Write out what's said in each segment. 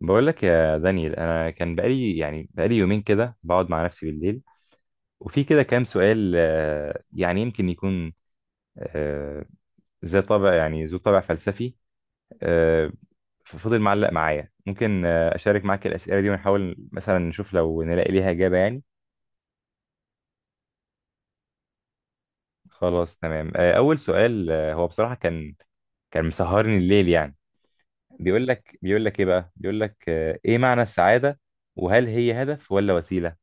بقول لك يا دانيال، انا كان بقالي يومين كده بقعد مع نفسي بالليل، وفي كده كام سؤال، يعني يمكن يكون آه، ذا طابع، يعني ذو طابع فلسفي. آه، فضل معلق معايا، ممكن اشارك معاك الاسئله دي، ونحاول مثلا نشوف لو نلاقي ليها اجابه يعني. خلاص تمام. اول سؤال، هو بصراحه كان مسهرني الليل يعني. بيقول لك ايه معنى السعاده؟ وهل هي هدف ولا وسيله؟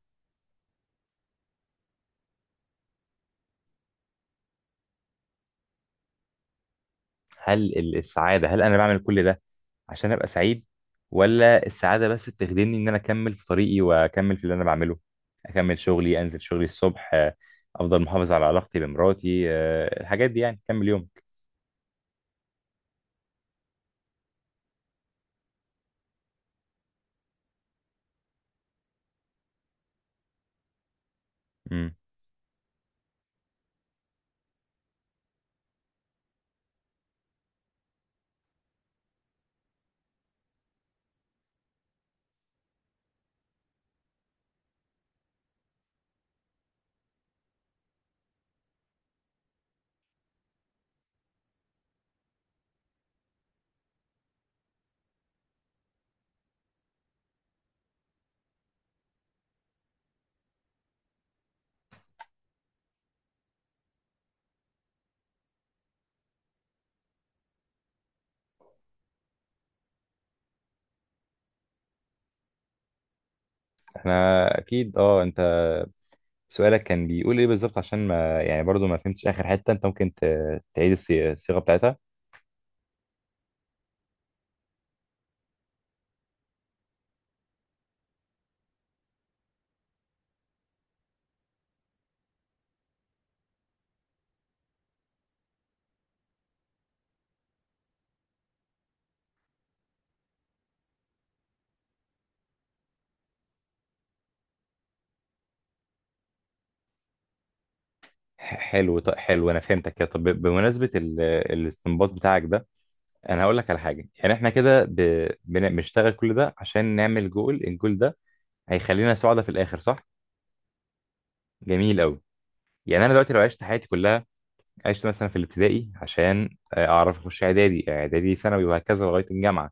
هل السعاده، هل انا بعمل كل ده عشان ابقى سعيد؟ ولا السعاده بس بتخدمني ان انا اكمل في طريقي، واكمل في اللي انا بعمله، اكمل شغلي، انزل شغلي الصبح، افضل محافظ على علاقتي بمراتي، الحاجات دي يعني كمل يومك. امم. احنا اكيد اه. انت سؤالك كان بيقول ايه بالظبط؟ عشان ما يعني برضو ما فهمتش اخر حته. انت ممكن تعيد الصيغه بتاعتها؟ حلو. حلو، انا فهمتك كده. طب بمناسبه الاستنباط بتاعك ده، انا هقول لك على حاجه. يعني احنا كده بنشتغل كل ده عشان نعمل جول، الجول ده هيخلينا سعداء في الاخر، صح؟ جميل قوي. يعني انا دلوقتي لو عشت حياتي كلها، عشت مثلا في الابتدائي عشان اعرف اخش اعدادي، اعدادي ثانوي، وهكذا لغايه الجامعه.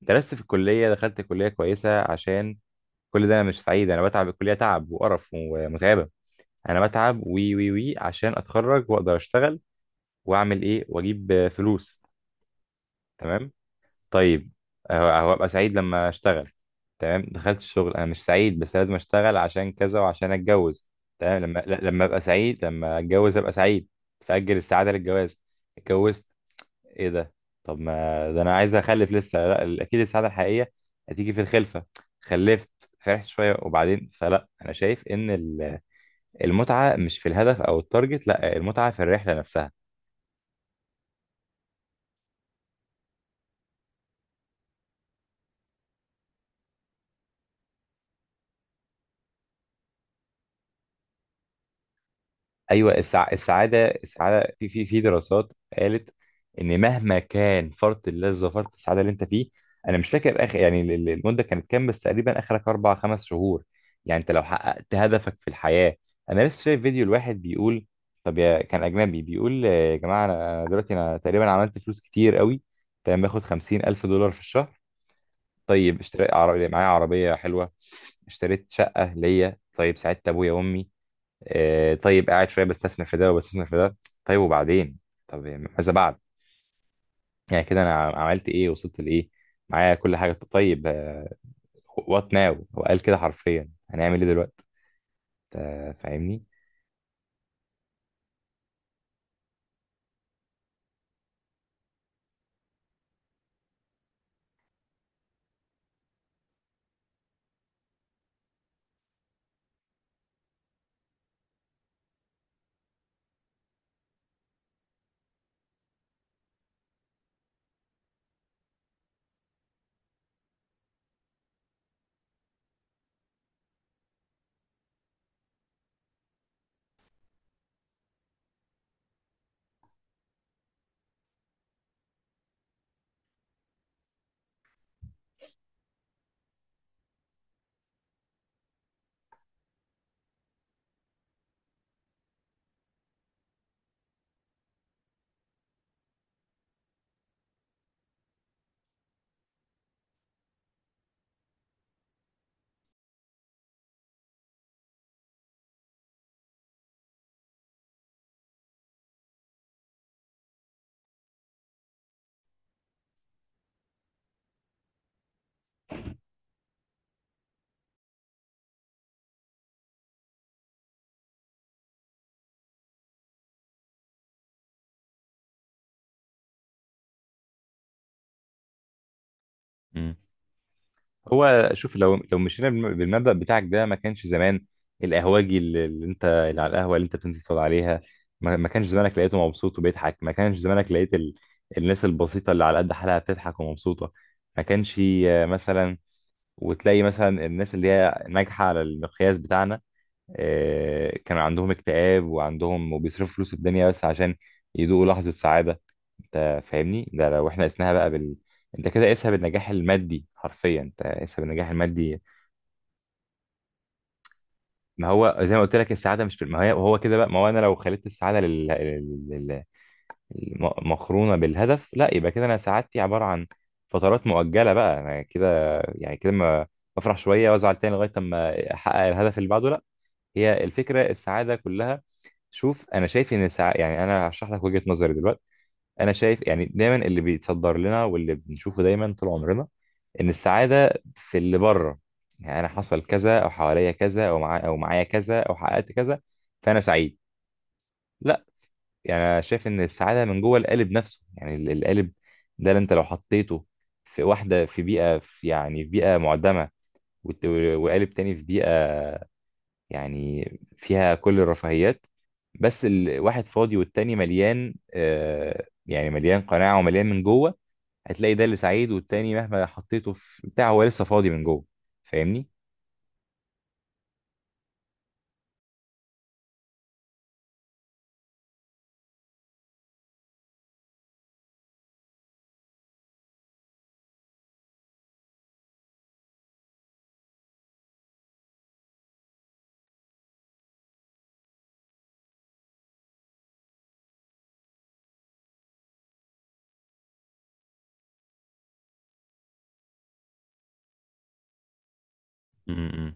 درست في الكليه، دخلت كليه كويسه عشان، كل ده انا مش سعيد. انا بتعب الكليه، تعب وقرف ومتعبه. انا بتعب وي وي وي عشان اتخرج واقدر اشتغل، واعمل ايه، واجيب فلوس. تمام. طيب. هبقى سعيد لما اشتغل. تمام. دخلت الشغل، انا مش سعيد بس لازم اشتغل عشان كذا، وعشان اتجوز. تمام. لما ابقى سعيد، لما اتجوز ابقى سعيد. فاجل السعاده للجواز. اتجوزت. ايه ده؟ طب ما ده انا عايز اخلف لسه. لا اكيد السعاده الحقيقيه هتيجي في الخلفه. خلفت. فرحت شويه وبعدين فلا. انا شايف ان المتعه مش في الهدف او التارجت، لا، المتعه في الرحله نفسها. ايوه السعاده في دراسات قالت ان مهما كان فرط اللذه، فرط السعاده اللي انت فيه، انا مش فاكر اخر، يعني المده كانت كام، بس تقريبا اخرك اربع خمس شهور. يعني انت لو حققت هدفك في الحياه. انا لسه شايف فيديو الواحد بيقول، طب يا كان اجنبي، بيقول يا جماعه، انا دلوقتي انا تقريبا عملت فلوس كتير قوي. تمام. باخد 50,000 دولار في الشهر. طيب اشتريت عربية، معايا عربيه حلوه. اشتريت شقه ليا. طيب ساعدت ابويا وامي. طيب قاعد شويه بستثمر في ده وبستثمر في ده. طيب وبعدين؟ طب يعني ماذا بعد؟ يعني كده انا عملت ايه؟ وصلت لايه؟ معايا كل حاجه. طيب وات ناو، هو قال كده حرفيا، هنعمل ايه دلوقتي؟ أنت فاهمني. مم. هو شوف، لو مشينا بالمبدأ بتاعك ده، ما كانش زمان القهوجي، اللي انت اللي على القهوة اللي انت بتنزل تقعد عليها، ما كانش زمانك لقيته مبسوط وبيضحك؟ ما كانش زمانك لقيت الناس البسيطة اللي على قد حالها بتضحك ومبسوطة؟ ما كانش مثلا، وتلاقي مثلا الناس اللي هي ناجحة على المقياس بتاعنا، كان عندهم اكتئاب، وعندهم، وبيصرفوا فلوس الدنيا بس عشان يدوقوا لحظة سعادة. انت فاهمني؟ ده لو احنا قسناها بقى بال، انت كده قيسها بالنجاح المادي، حرفيا انت قيسها بالنجاح المادي. ما هو زي ما قلت لك، السعادة مش في، ما هي هو كده بقى. ما هو انا لو خليت السعادة لل... مقرونة بالهدف، لا يبقى كده انا سعادتي عبارة عن فترات مؤجلة بقى. انا كده يعني كده ما بفرح شوية وازعل تاني لغاية اما احقق الهدف اللي بعده. هي الفكره السعاده كلها. شوف، انا شايف ان السعاده، يعني انا هشرح لك وجهه نظري دلوقتي، انا شايف يعني دايما اللي بيتصدر لنا واللي بنشوفه دايما طول عمرنا، ان السعاده في اللي بره. يعني انا حصل كذا، او حواليا كذا، او معايا كذا، او حققت كذا، فانا سعيد. لا. يعني انا شايف ان السعاده من جوه القالب نفسه. يعني القالب ده اللي انت لو حطيته في واحده في بيئه، في يعني في بيئه معدمه، والت- وقالب تاني في بيئه يعني فيها كل الرفاهيات، بس الواحد فاضي والتاني مليان، آه يعني مليان قناعة ومليان من جوه، هتلاقي ده اللي سعيد، والتاني مهما حطيته في بتاع هو لسه فاضي من جوه. فاهمني؟ امم.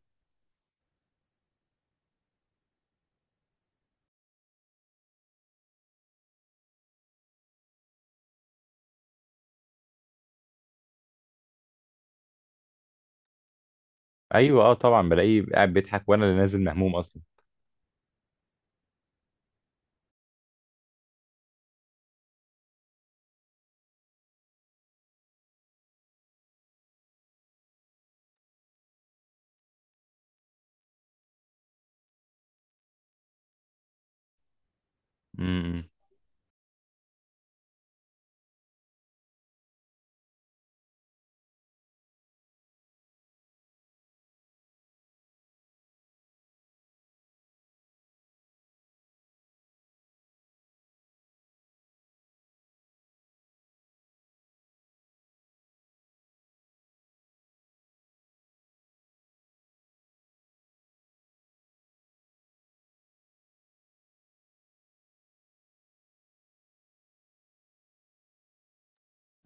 ايوه اه طبعا، بلاقيه قاعد بيضحك، وانا اللي نازل مهموم اصلا. امم.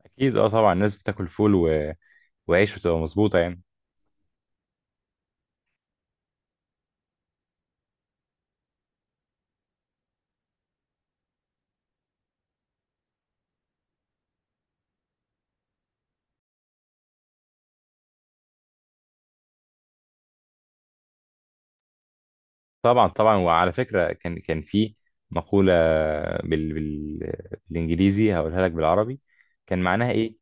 اكيد اه طبعا، الناس بتاكل فول و... وعيش وتبقى مظبوطه يعني. طبعا طبعا. وعلى فكره كان في مقوله بال... بال... بالانجليزي، هقولها لك بالعربي. كان معناها ايه؟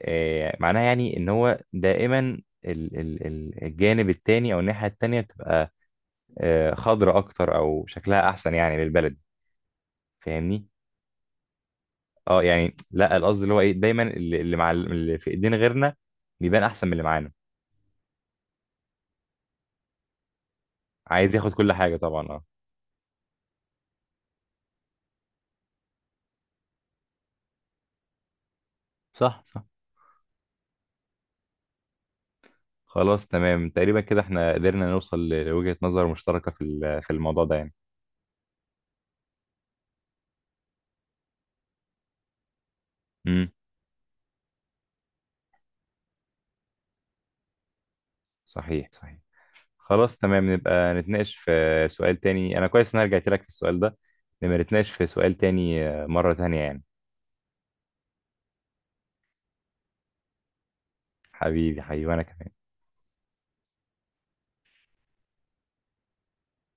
معناها يعني ان هو دائما الجانب التاني، او الناحية التانية بتبقى خضرة اكتر، او شكلها احسن يعني للبلد. فاهمني؟ اه يعني لا، القصد اللي هو ايه، دايما اللي مع اللي في ايدين غيرنا بيبان احسن من اللي معانا. عايز ياخد كل حاجة طبعا اه. صح صح. خلاص تمام، تقريبا كده احنا قدرنا نوصل لوجهة نظر مشتركة في في الموضوع ده يعني. امم. صحيح صحيح. خلاص تمام، نبقى نتناقش في سؤال تاني. انا كويس ان انا رجعت لك في السؤال ده. نبقى نتناقش في سؤال تاني مرة تانية يعني. حبيبي حبيبي انا كمان.